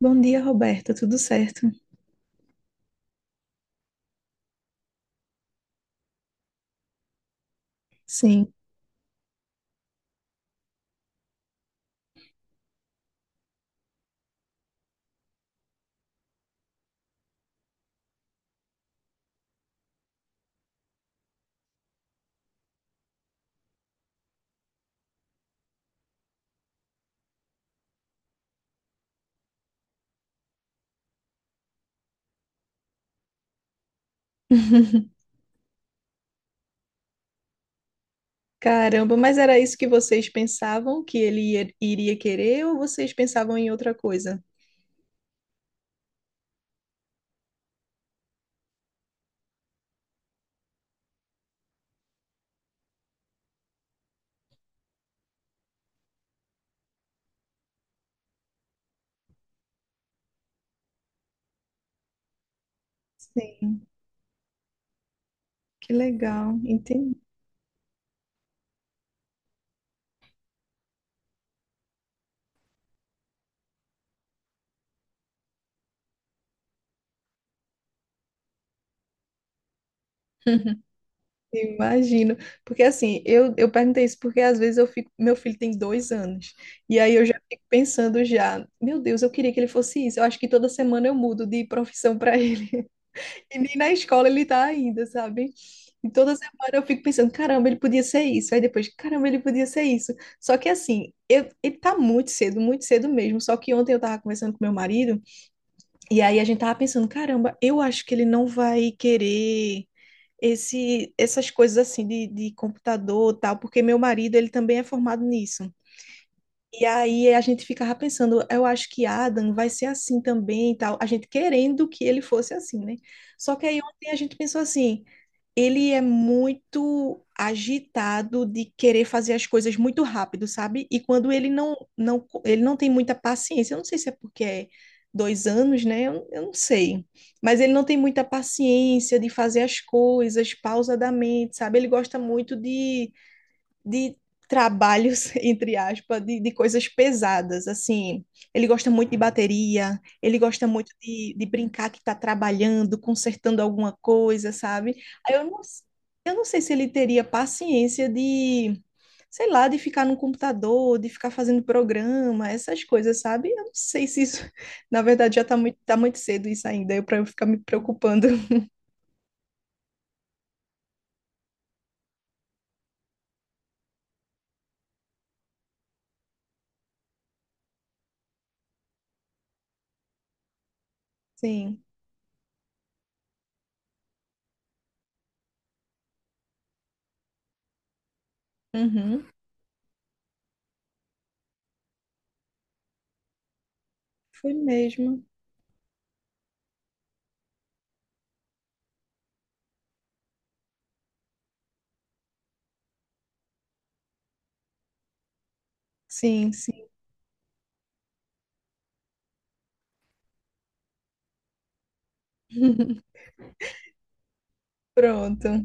Bom dia, Roberta. Tudo certo? Sim. Caramba, mas era isso que vocês pensavam que ele iria querer ou vocês pensavam em outra coisa? Sim. Que legal, entendi. Imagino, porque assim, eu perguntei isso porque às vezes eu fico, meu filho tem dois anos, e aí eu já fico pensando já, meu Deus, eu queria que ele fosse isso, eu acho que toda semana eu mudo de profissão para ele. E nem na escola ele tá ainda, sabe? E toda semana eu fico pensando, caramba, ele podia ser isso. Aí depois, caramba, ele podia ser isso. Só que assim, eu, ele tá muito cedo mesmo. Só que ontem eu tava conversando com meu marido, e aí a gente tava pensando, caramba, eu acho que ele não vai querer essas coisas assim de computador e tal, porque meu marido, ele também é formado nisso. E aí a gente ficava pensando, eu acho que Adam vai ser assim também e tal. A gente querendo que ele fosse assim, né? Só que aí ontem a gente pensou assim, ele é muito agitado de querer fazer as coisas muito rápido, sabe? E quando ele não, ele não tem muita paciência, eu não sei se é porque é dois anos, né? Eu não sei. Mas ele não tem muita paciência de fazer as coisas pausadamente, sabe? Ele gosta muito de trabalhos, entre aspas, de coisas pesadas, assim. Ele gosta muito de bateria, ele gosta muito de brincar que está trabalhando, consertando alguma coisa, sabe? Aí eu eu não sei se ele teria paciência de, sei lá, de ficar no computador, de ficar fazendo programa, essas coisas, sabe? Eu não sei se isso, na verdade, tá muito cedo isso ainda, para eu ficar me preocupando. Sim. Uhum. Foi mesmo. Sim, sim. Pronto.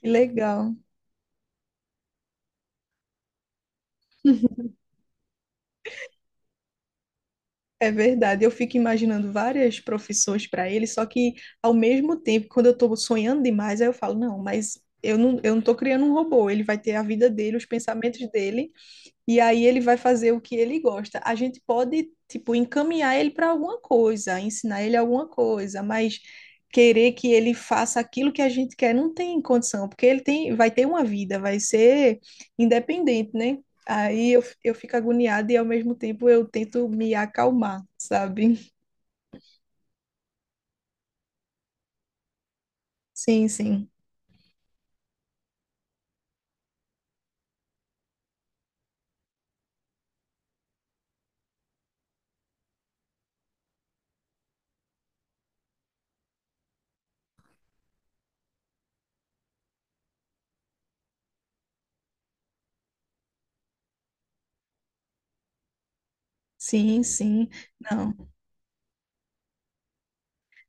Que legal. É verdade. Eu fico imaginando várias profissões para ele, só que ao mesmo tempo, quando eu estou sonhando demais, aí eu falo, não, mas eu não estou criando um robô. Ele vai ter a vida dele, os pensamentos dele. E aí ele vai fazer o que ele gosta. A gente pode, tipo, encaminhar ele para alguma coisa, ensinar ele alguma coisa, mas querer que ele faça aquilo que a gente quer não tem condição, porque ele tem, vai ter uma vida, vai ser independente, né? Aí eu fico agoniada e ao mesmo tempo eu tento me acalmar, sabe? Sim, sim. Sim, sim. Não.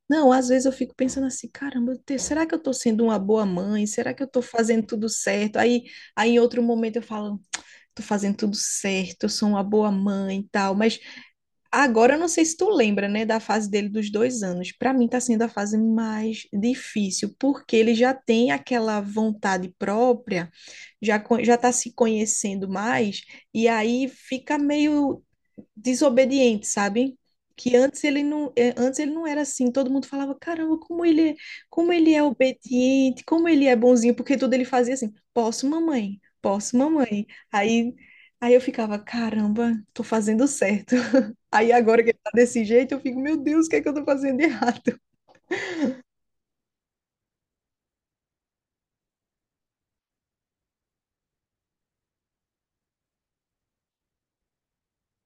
Não, às vezes eu fico pensando assim, caramba, será que eu tô sendo uma boa mãe? Será que eu tô fazendo tudo certo? Aí, em outro momento eu falo tô fazendo tudo certo, eu sou uma boa mãe e tal. Mas agora eu não sei se tu lembra, né, da fase dele dos dois anos. Pra mim tá sendo a fase mais difícil, porque ele já tem aquela vontade própria, já tá se conhecendo mais, e aí fica meio desobediente, sabe? Que antes ele não, é, antes ele não era assim. Todo mundo falava, caramba, como ele é obediente, como ele é bonzinho, porque tudo ele fazia assim, posso, mamãe, posso, mamãe. Aí, eu ficava, caramba, tô fazendo certo. Aí agora que ele tá desse jeito, eu fico, meu Deus, o que é que eu tô fazendo de errado?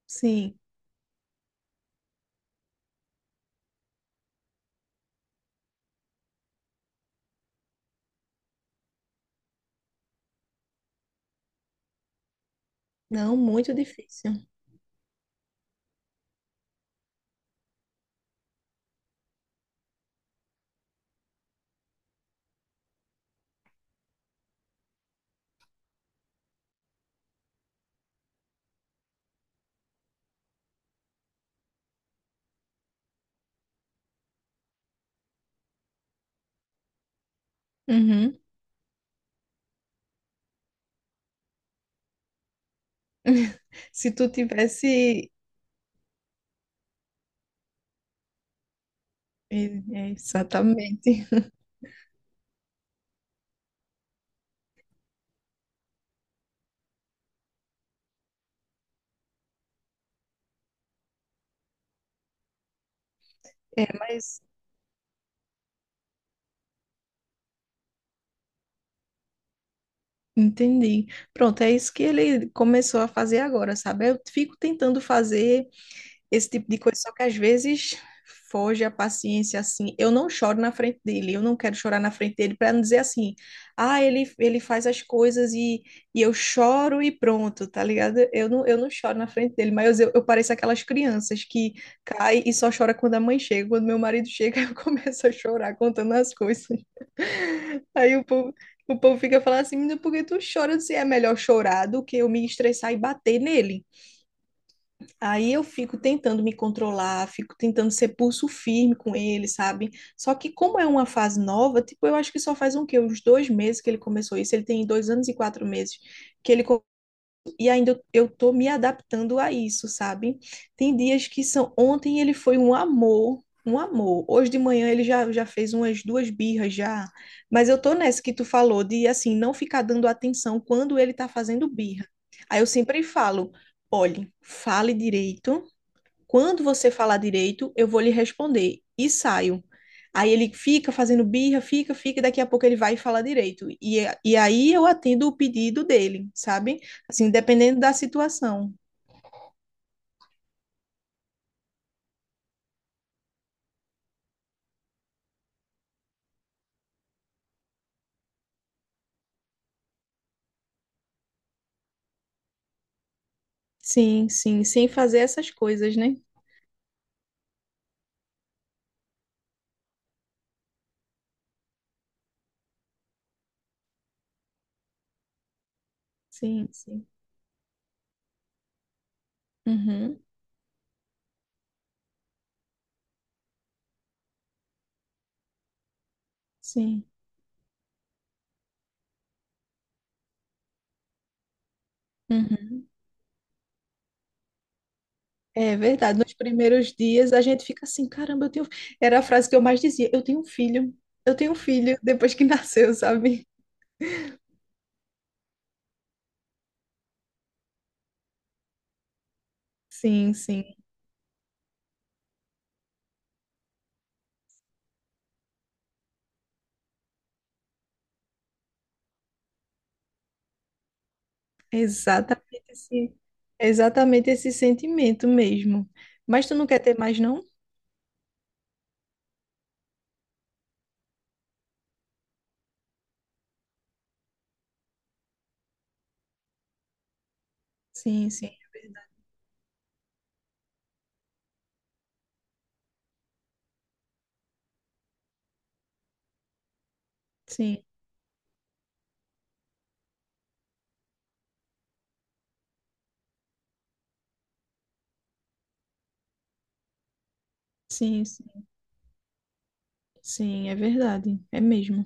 Sim, não, muito difícil. Uhum. Se tu tivesse. É, é, exatamente. É, mas entendi. Pronto, é isso que ele começou a fazer agora, sabe? Eu fico tentando fazer. Esse tipo de coisa, só que às vezes foge a paciência assim. Eu não choro na frente dele, eu não quero chorar na frente dele para não dizer assim, ah, ele faz as coisas e eu choro e pronto, tá ligado? Eu não choro na frente dele, mas eu pareço aquelas crianças que caem e só chora quando a mãe chega. Quando meu marido chega, eu começo a chorar contando as coisas. Aí o povo fica falando assim, menina, por que tu chora? Se é melhor chorar do que eu me estressar e bater nele. Aí eu fico tentando me controlar, fico tentando ser pulso firme com ele, sabe? Só que como é uma fase nova, tipo, eu acho que só faz um quê? Uns dois meses que ele começou isso. Ele tem dois anos e quatro meses que e ainda eu tô me adaptando a isso, sabe? Tem dias que são... Ontem ele foi um amor, um amor. Hoje de manhã ele já fez umas duas birras já. Mas eu tô nessa que tu falou de, assim, não ficar dando atenção quando ele tá fazendo birra. Aí eu sempre falo... Olhe, fale direito, quando você falar direito, eu vou lhe responder e saio. Aí ele fica fazendo birra, fica, e daqui a pouco ele vai falar direito. E aí eu atendo o pedido dele, sabe? Assim, dependendo da situação. Sim, sim, sem fazer essas coisas, né? Sim, sim. Uhum, sim. Uhum. É verdade. Nos primeiros dias a gente fica assim, caramba, eu tenho. Era a frase que eu mais dizia, eu tenho um filho, eu tenho um filho, depois que nasceu, sabe? Sim, sim. Exatamente esse, exatamente esse sentimento mesmo. Mas tu não quer ter mais, não? Sim, sim, é verdade. Sim, sim, sim, sim, é verdade. É mesmo.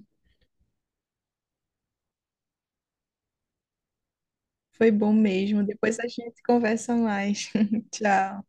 Foi bom mesmo. Depois a gente conversa mais. Tchau.